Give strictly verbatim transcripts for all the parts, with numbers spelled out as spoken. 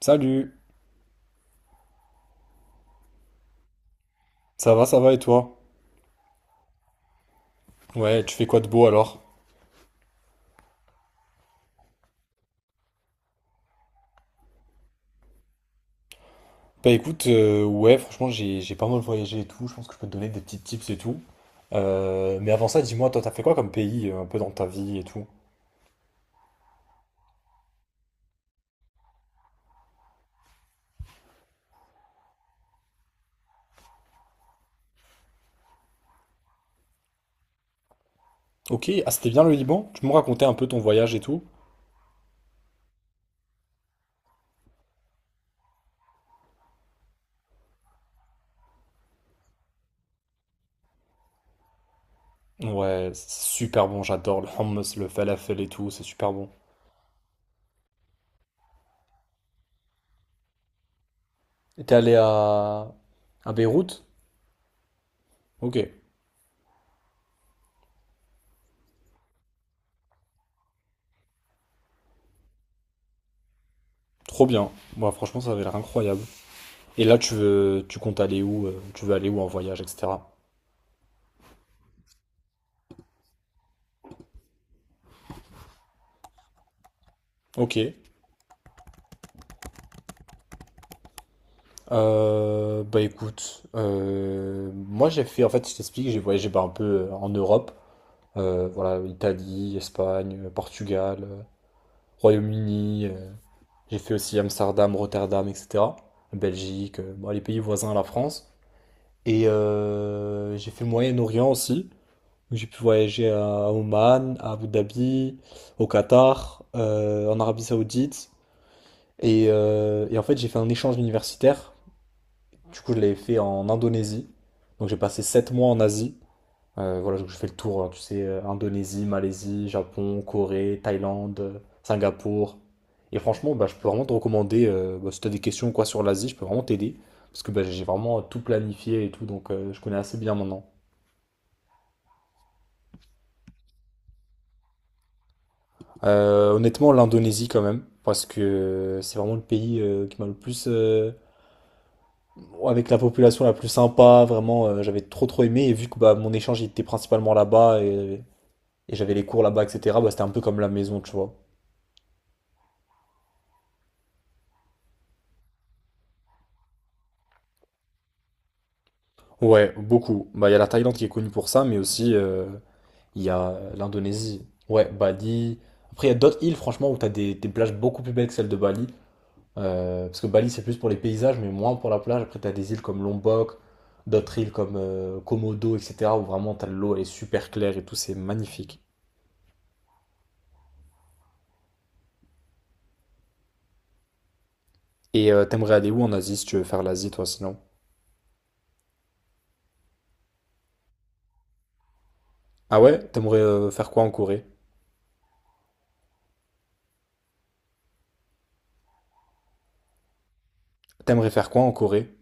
Salut, ça va, ça va et toi? Ouais, tu fais quoi de beau alors? Bah écoute, euh, ouais, franchement, j'ai j'ai pas mal voyagé et tout, je pense que je peux te donner des petits tips et tout. Euh, mais avant ça, dis-moi, toi, t'as fait quoi comme pays euh, un peu dans ta vie et tout? Ok, ah, c'était bien le Liban? Tu me racontais un peu ton voyage et tout? Ouais, c'est super bon, j'adore le hummus, le falafel et tout, c'est super bon. Et t'es allé à... à Beyrouth? Ok, trop bien. Moi, franchement, ça avait l'air incroyable. Et là, tu veux, tu comptes aller où? euh, Tu veux aller où en voyage, et cetera. Ok. Euh, bah écoute, euh, moi j'ai fait, en fait je t'explique, j'ai voyagé bah, un peu euh, en Europe. Euh, voilà, Italie, Espagne, euh, Portugal, euh, Royaume-Uni, euh, j'ai fait aussi Amsterdam, Rotterdam, et cetera. Belgique, euh, bon, les pays voisins à la France. Et euh, j'ai fait le Moyen-Orient aussi. Donc, j'ai pu voyager à Oman, à Abu Dhabi, au Qatar, euh, en Arabie Saoudite. Et, euh, et en fait j'ai fait un échange universitaire. Du coup, je l'avais fait en Indonésie. Donc, j'ai passé sept mois en Asie. Euh, voilà, donc je fais le tour, hein, tu sais, euh, Indonésie, Malaisie, Japon, Corée, Thaïlande, euh, Singapour. Et franchement, bah, je peux vraiment te recommander, euh, bah, si tu as des questions ou quoi sur l'Asie, je peux vraiment t'aider. Parce que bah, j'ai vraiment tout planifié et tout, donc euh, je connais assez bien maintenant. Euh, honnêtement, l'Indonésie quand même, parce que c'est vraiment le pays euh, qui m'a le plus... euh, avec la population la plus sympa, vraiment, euh, j'avais trop trop aimé. Et vu que bah, mon échange il était principalement là-bas, et Et j'avais les cours là-bas, et cetera. Bah, c'était un peu comme la maison, tu vois. Ouais, beaucoup. Bah, il y a la Thaïlande qui est connue pour ça, mais aussi euh, il y a l'Indonésie. Ouais, Bali. Après, il y a d'autres îles, franchement, où tu as des, des plages beaucoup plus belles que celles de Bali. Euh, parce que Bali, c'est plus pour les paysages, mais moins pour la plage. Après, tu as des îles comme Lombok, d'autres îles comme euh, Komodo, et cetera où vraiment, tu as l'eau, elle est super claire et tout, c'est magnifique. Et euh, t'aimerais aller où en Asie si tu veux faire l'Asie, toi, sinon? Ah ouais? T'aimerais euh, faire quoi en Corée? T'aimerais faire quoi en Corée?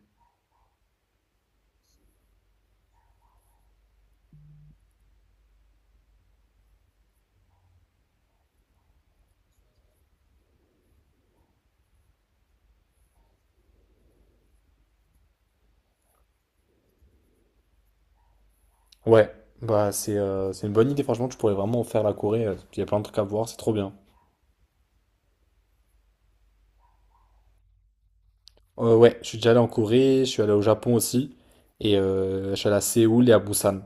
Ouais, bah c'est euh, c'est une bonne idée, franchement, tu pourrais vraiment faire la Corée, euh, il y a plein de trucs à voir, c'est trop bien. Euh, ouais, je suis déjà allé en Corée, je suis allé au Japon aussi, et euh, je suis allé à Séoul et à Busan.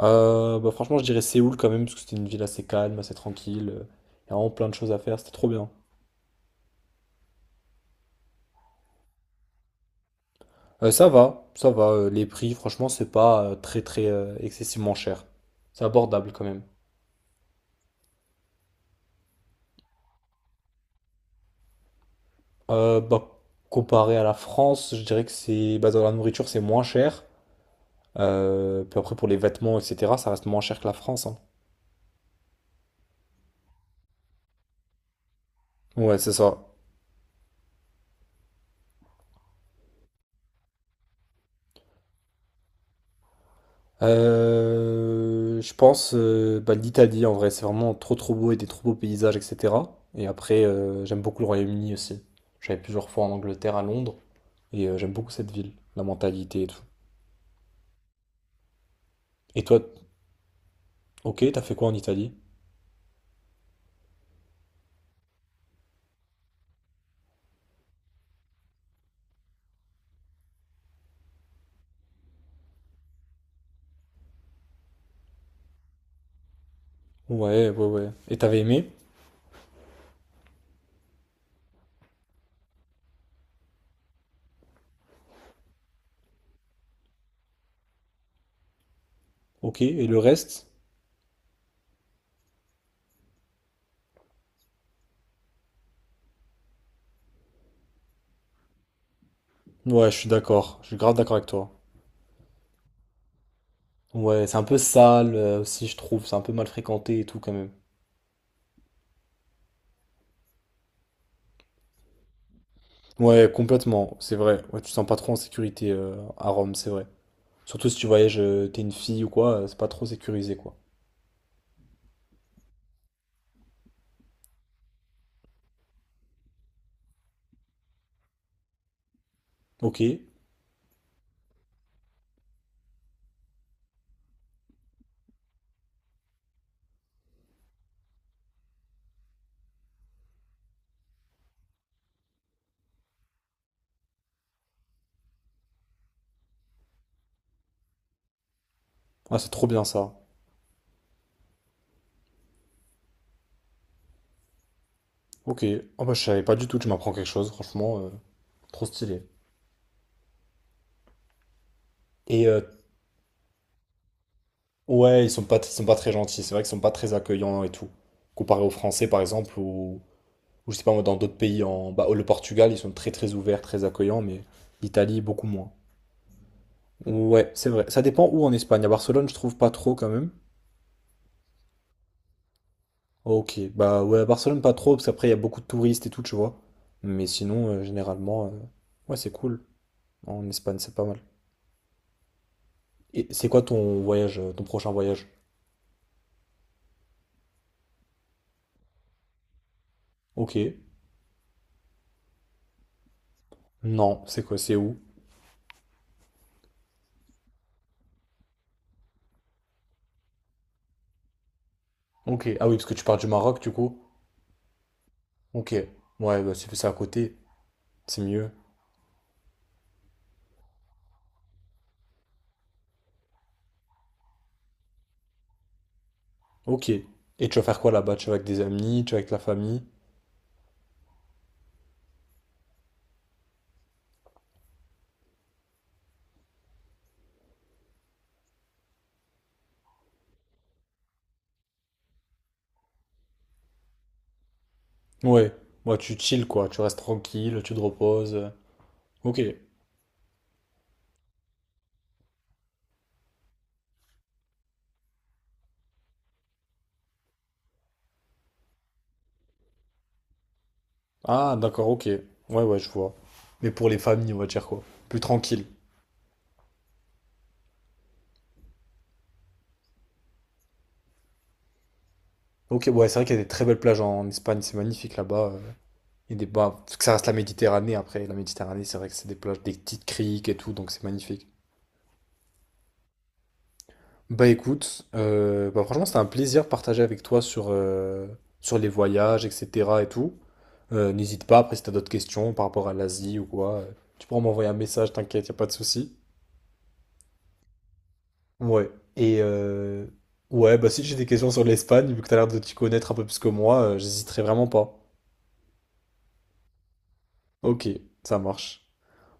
Euh, bah franchement, je dirais Séoul quand même, parce que c'était une ville assez calme, assez tranquille, euh, il y a vraiment plein de choses à faire, c'était trop bien. Euh, ça va, ça va, euh, les prix, franchement, c'est pas euh, très très euh, excessivement cher. C'est abordable quand même. Euh, bah, comparé à la France, je dirais que c'est, bah, dans la nourriture, c'est moins cher. Euh, puis après, pour les vêtements, et cetera, ça reste moins cher que la France, hein. Ouais, c'est ça. Euh, je pense euh, bah, l'Italie, en vrai, c'est vraiment trop trop beau et des trop beaux paysages, et cetera. Et après, euh, j'aime beaucoup le Royaume-Uni aussi. J'avais plusieurs fois en Angleterre, à Londres, et euh, j'aime beaucoup cette ville, la mentalité et tout. Et toi, ok, t'as fait quoi en Italie? Ouais, ouais, ouais. Et t'avais aimé? Ok, et le reste? Ouais, je suis d'accord, je suis grave d'accord avec toi. Ouais, c'est un peu sale euh, aussi, je trouve, c'est un peu mal fréquenté et tout quand même. Ouais, complètement, c'est vrai. Ouais, tu te sens pas trop en sécurité euh, à Rome, c'est vrai. Surtout si tu voyages, euh, t'es une fille ou quoi, euh, c'est pas trop sécurisé, quoi. Ok. Ah, c'est trop bien ça. Ok. Ah bah, je savais pas du tout, tu m'apprends quelque chose, franchement. Euh, trop stylé. Et euh, ouais, ils sont pas, ils sont pas très gentils, c'est vrai qu'ils sont pas très accueillants et tout. Comparé aux Français, par exemple, ou, ou je sais pas moi, dans d'autres pays, en, bah, le Portugal, ils sont très très ouverts, très accueillants, mais l'Italie, beaucoup moins. Ouais, c'est vrai. Ça dépend où en Espagne. À Barcelone, je trouve pas trop quand même. Ok, bah ouais, à Barcelone pas trop, parce qu'après il y a beaucoup de touristes et tout, tu vois. Mais sinon, euh, généralement, euh, ouais, c'est cool. En Espagne, c'est pas mal. Et c'est quoi ton voyage, euh, ton prochain voyage? Ok. Non, c'est quoi, c'est où? Ok. Ah oui, parce que tu pars du Maroc, du coup. Ok. Ouais, bah c'est c'est à côté, c'est mieux. Ok. Et tu vas faire quoi là-bas? Tu vas avec des amis, tu vas avec la famille? Ouais. Ouais, tu chill quoi, tu restes tranquille, tu te reposes. Ok. Ah, d'accord, ok. Ouais, ouais, je vois. Mais pour les familles, on va dire quoi? Plus tranquille. Ok, ouais, c'est vrai qu'il y a des très belles plages en Espagne, c'est magnifique là-bas. euh, Il y a des bah, parce que ça reste la Méditerranée après. La Méditerranée, c'est vrai que c'est des plages, des petites criques et tout, donc c'est magnifique. Bah écoute, euh, bah, franchement, c'était un plaisir de partager avec toi sur, euh, sur les voyages, et cetera et tout. Euh, n'hésite pas, après, si t'as d'autres questions par rapport à l'Asie ou quoi, euh, tu pourras m'envoyer un message, t'inquiète, y a pas de souci. Ouais, et euh, ouais, bah si j'ai des questions sur l'Espagne, vu que t'as l'air de t'y connaître un peu plus que moi, euh, j'hésiterai vraiment pas. Ok, ça marche.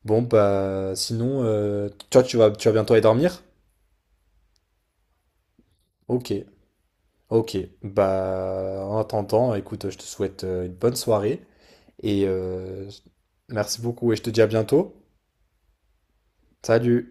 Bon, bah, sinon, euh, toi, tu vas, tu vas bientôt aller dormir? Ok, ok. Bah, en attendant, écoute, je te souhaite euh, une bonne soirée et euh, merci beaucoup et je te dis à bientôt. Salut!